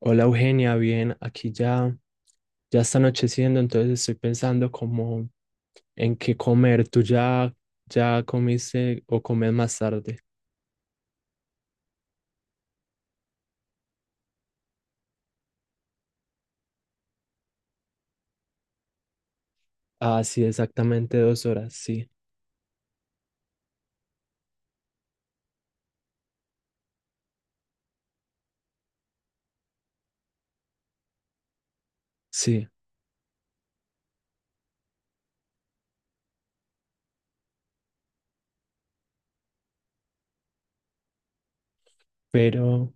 Hola Eugenia, bien, aquí ya está anocheciendo, entonces estoy pensando como en qué comer. ¿Tú ya comiste o comes más tarde? Ah, sí, exactamente 2 horas, sí, sí, pero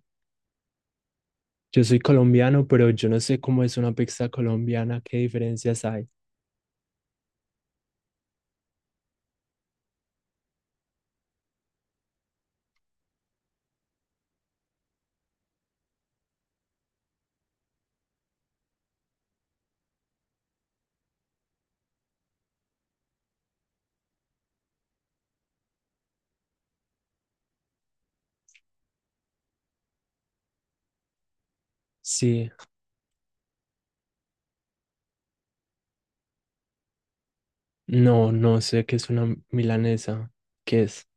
yo soy colombiano, pero yo no sé cómo es una pizza colombiana, qué diferencias hay. Sí, no, no sé qué es una milanesa, qué es.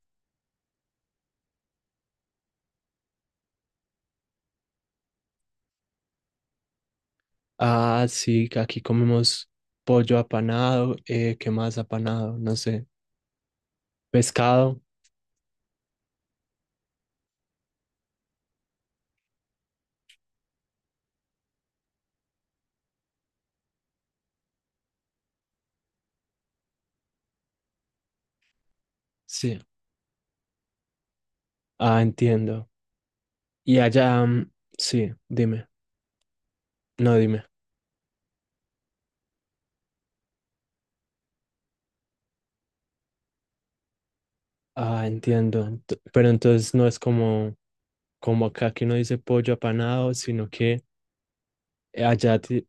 Ah, sí, que aquí comemos pollo apanado, ¿qué más apanado? No sé, pescado, sí. Ah, entiendo. Y allá, mm, sí, dime. No, dime. Ah, entiendo. Pero entonces no es como, como, acá que uno dice pollo apanado, sino que allá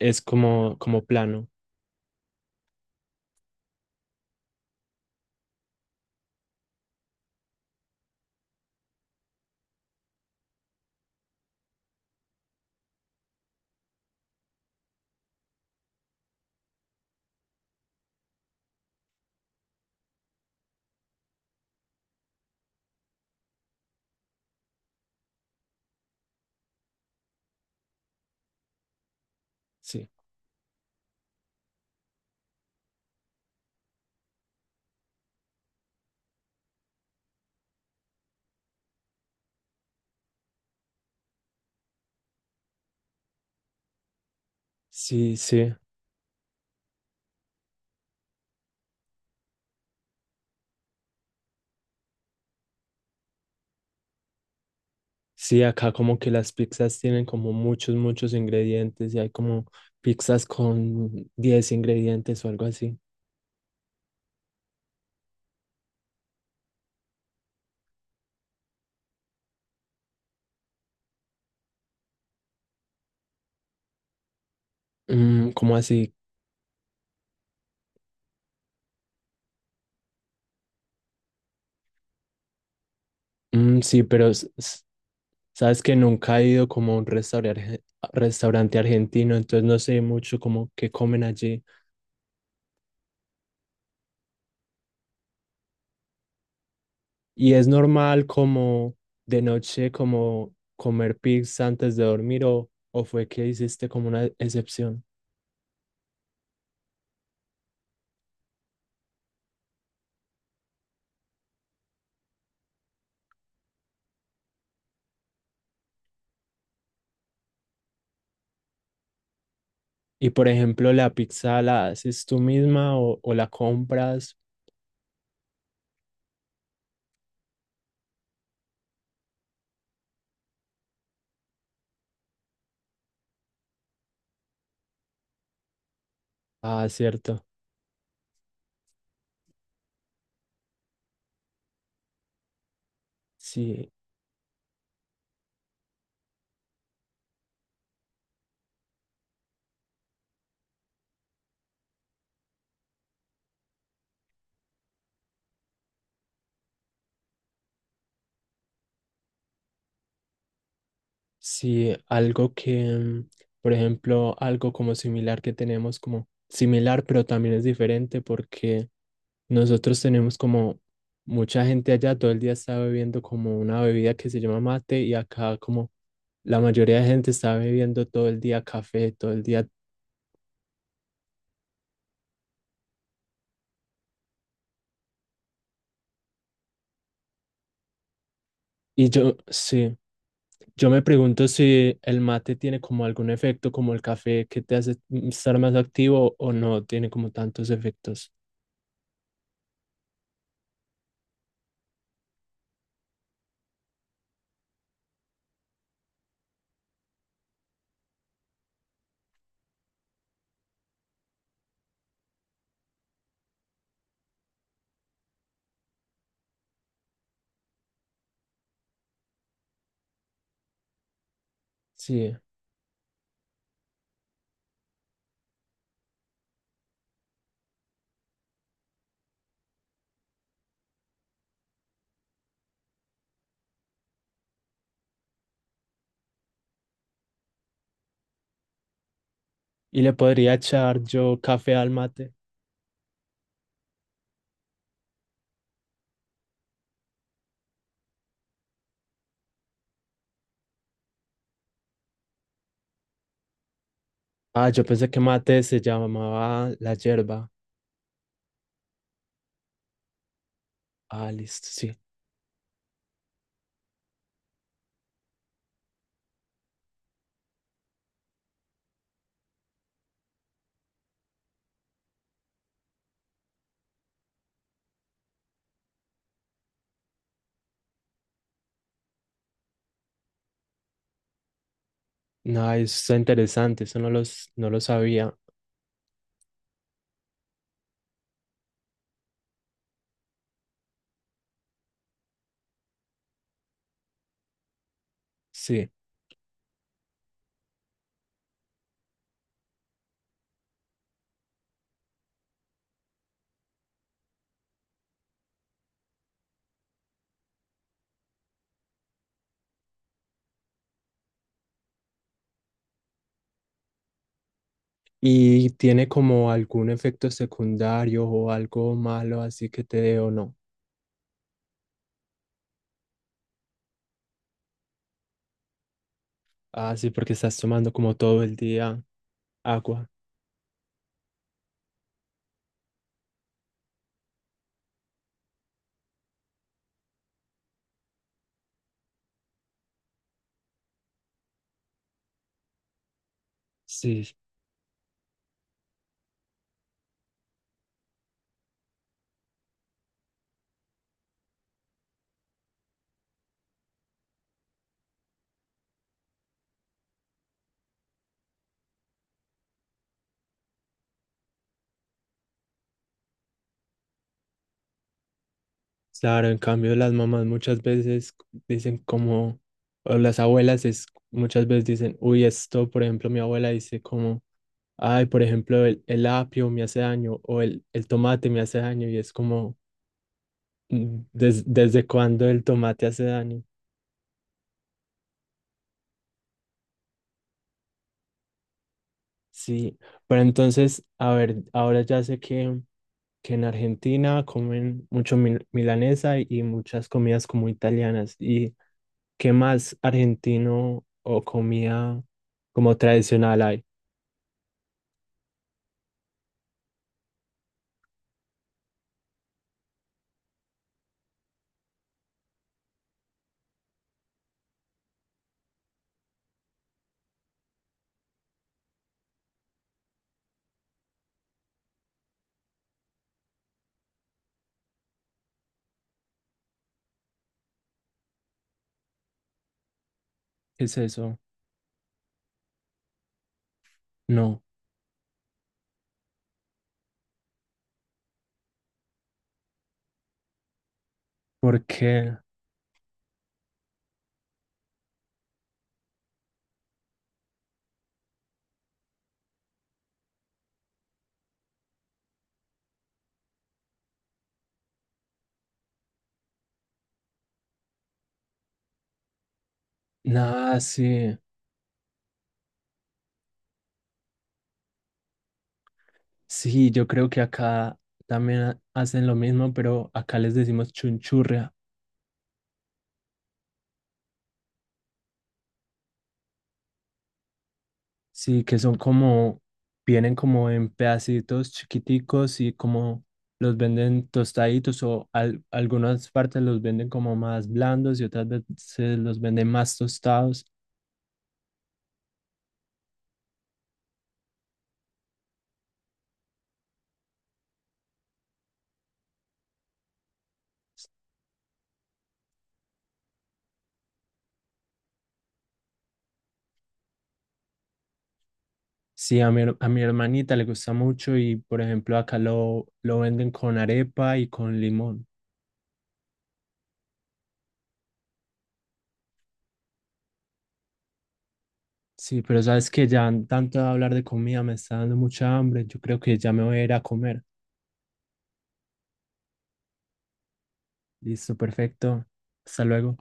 es como plano. Sí. Sí, sí. Sí, acá como que las pizzas tienen como muchos, muchos ingredientes y hay como pizzas con 10 ingredientes o algo así. ¿Como así? Mm, sí, pero sabes que nunca he ido como a un restaurante, restaurante argentino, entonces no sé mucho como qué comen allí. Y es normal como de noche como comer pizza antes de dormir o fue que hiciste como una excepción. Y por ejemplo, la pizza la haces tú misma o la compras. Ah, cierto. Sí, sí, algo que, por ejemplo, algo como similar que tenemos como similar, pero también es diferente porque nosotros tenemos como mucha gente allá, todo el día está bebiendo como una bebida que se llama mate y acá como la mayoría de gente está bebiendo todo el día café, todo el día. Y yo, sí, yo me pregunto si el mate tiene como algún efecto como el café que te hace estar más activo o no tiene como tantos efectos. Sí, y le podría echar yo café al mate. Ah, yo pensé que mate se llamaba la yerba. Ah, listo, sí. No, eso está interesante, eso no lo sabía. Sí, y tiene como algún efecto secundario o algo malo así que te dé o no. Ah, sí, porque estás tomando como todo el día agua. Sí, claro, en cambio las mamás muchas veces dicen como, o las abuelas es, muchas veces dicen, uy, esto, por ejemplo, mi abuela dice como, ay, por ejemplo, el apio me hace daño o el tomate me hace daño y es como, "Mm, ¿desde cuándo el tomate hace daño? Sí, pero entonces, a ver, ahora ya sé que, en Argentina comen mucho milanesa y muchas comidas como italianas. ¿Y qué más argentino o comida como tradicional hay? ¿Qué es eso? No, porque nada, sí, sí, yo creo que acá también hacen lo mismo, pero acá les decimos chunchurria. Sí, que son como, vienen como en pedacitos chiquiticos y como los venden tostaditos o algunas partes los venden como más blandos y otras veces los venden más tostados. Sí, a mi hermanita le gusta mucho y por ejemplo acá lo venden con arepa y con limón. Sí, pero sabes que ya tanto de hablar de comida me está dando mucha hambre. Yo creo que ya me voy a ir a comer. Listo, perfecto. Hasta luego.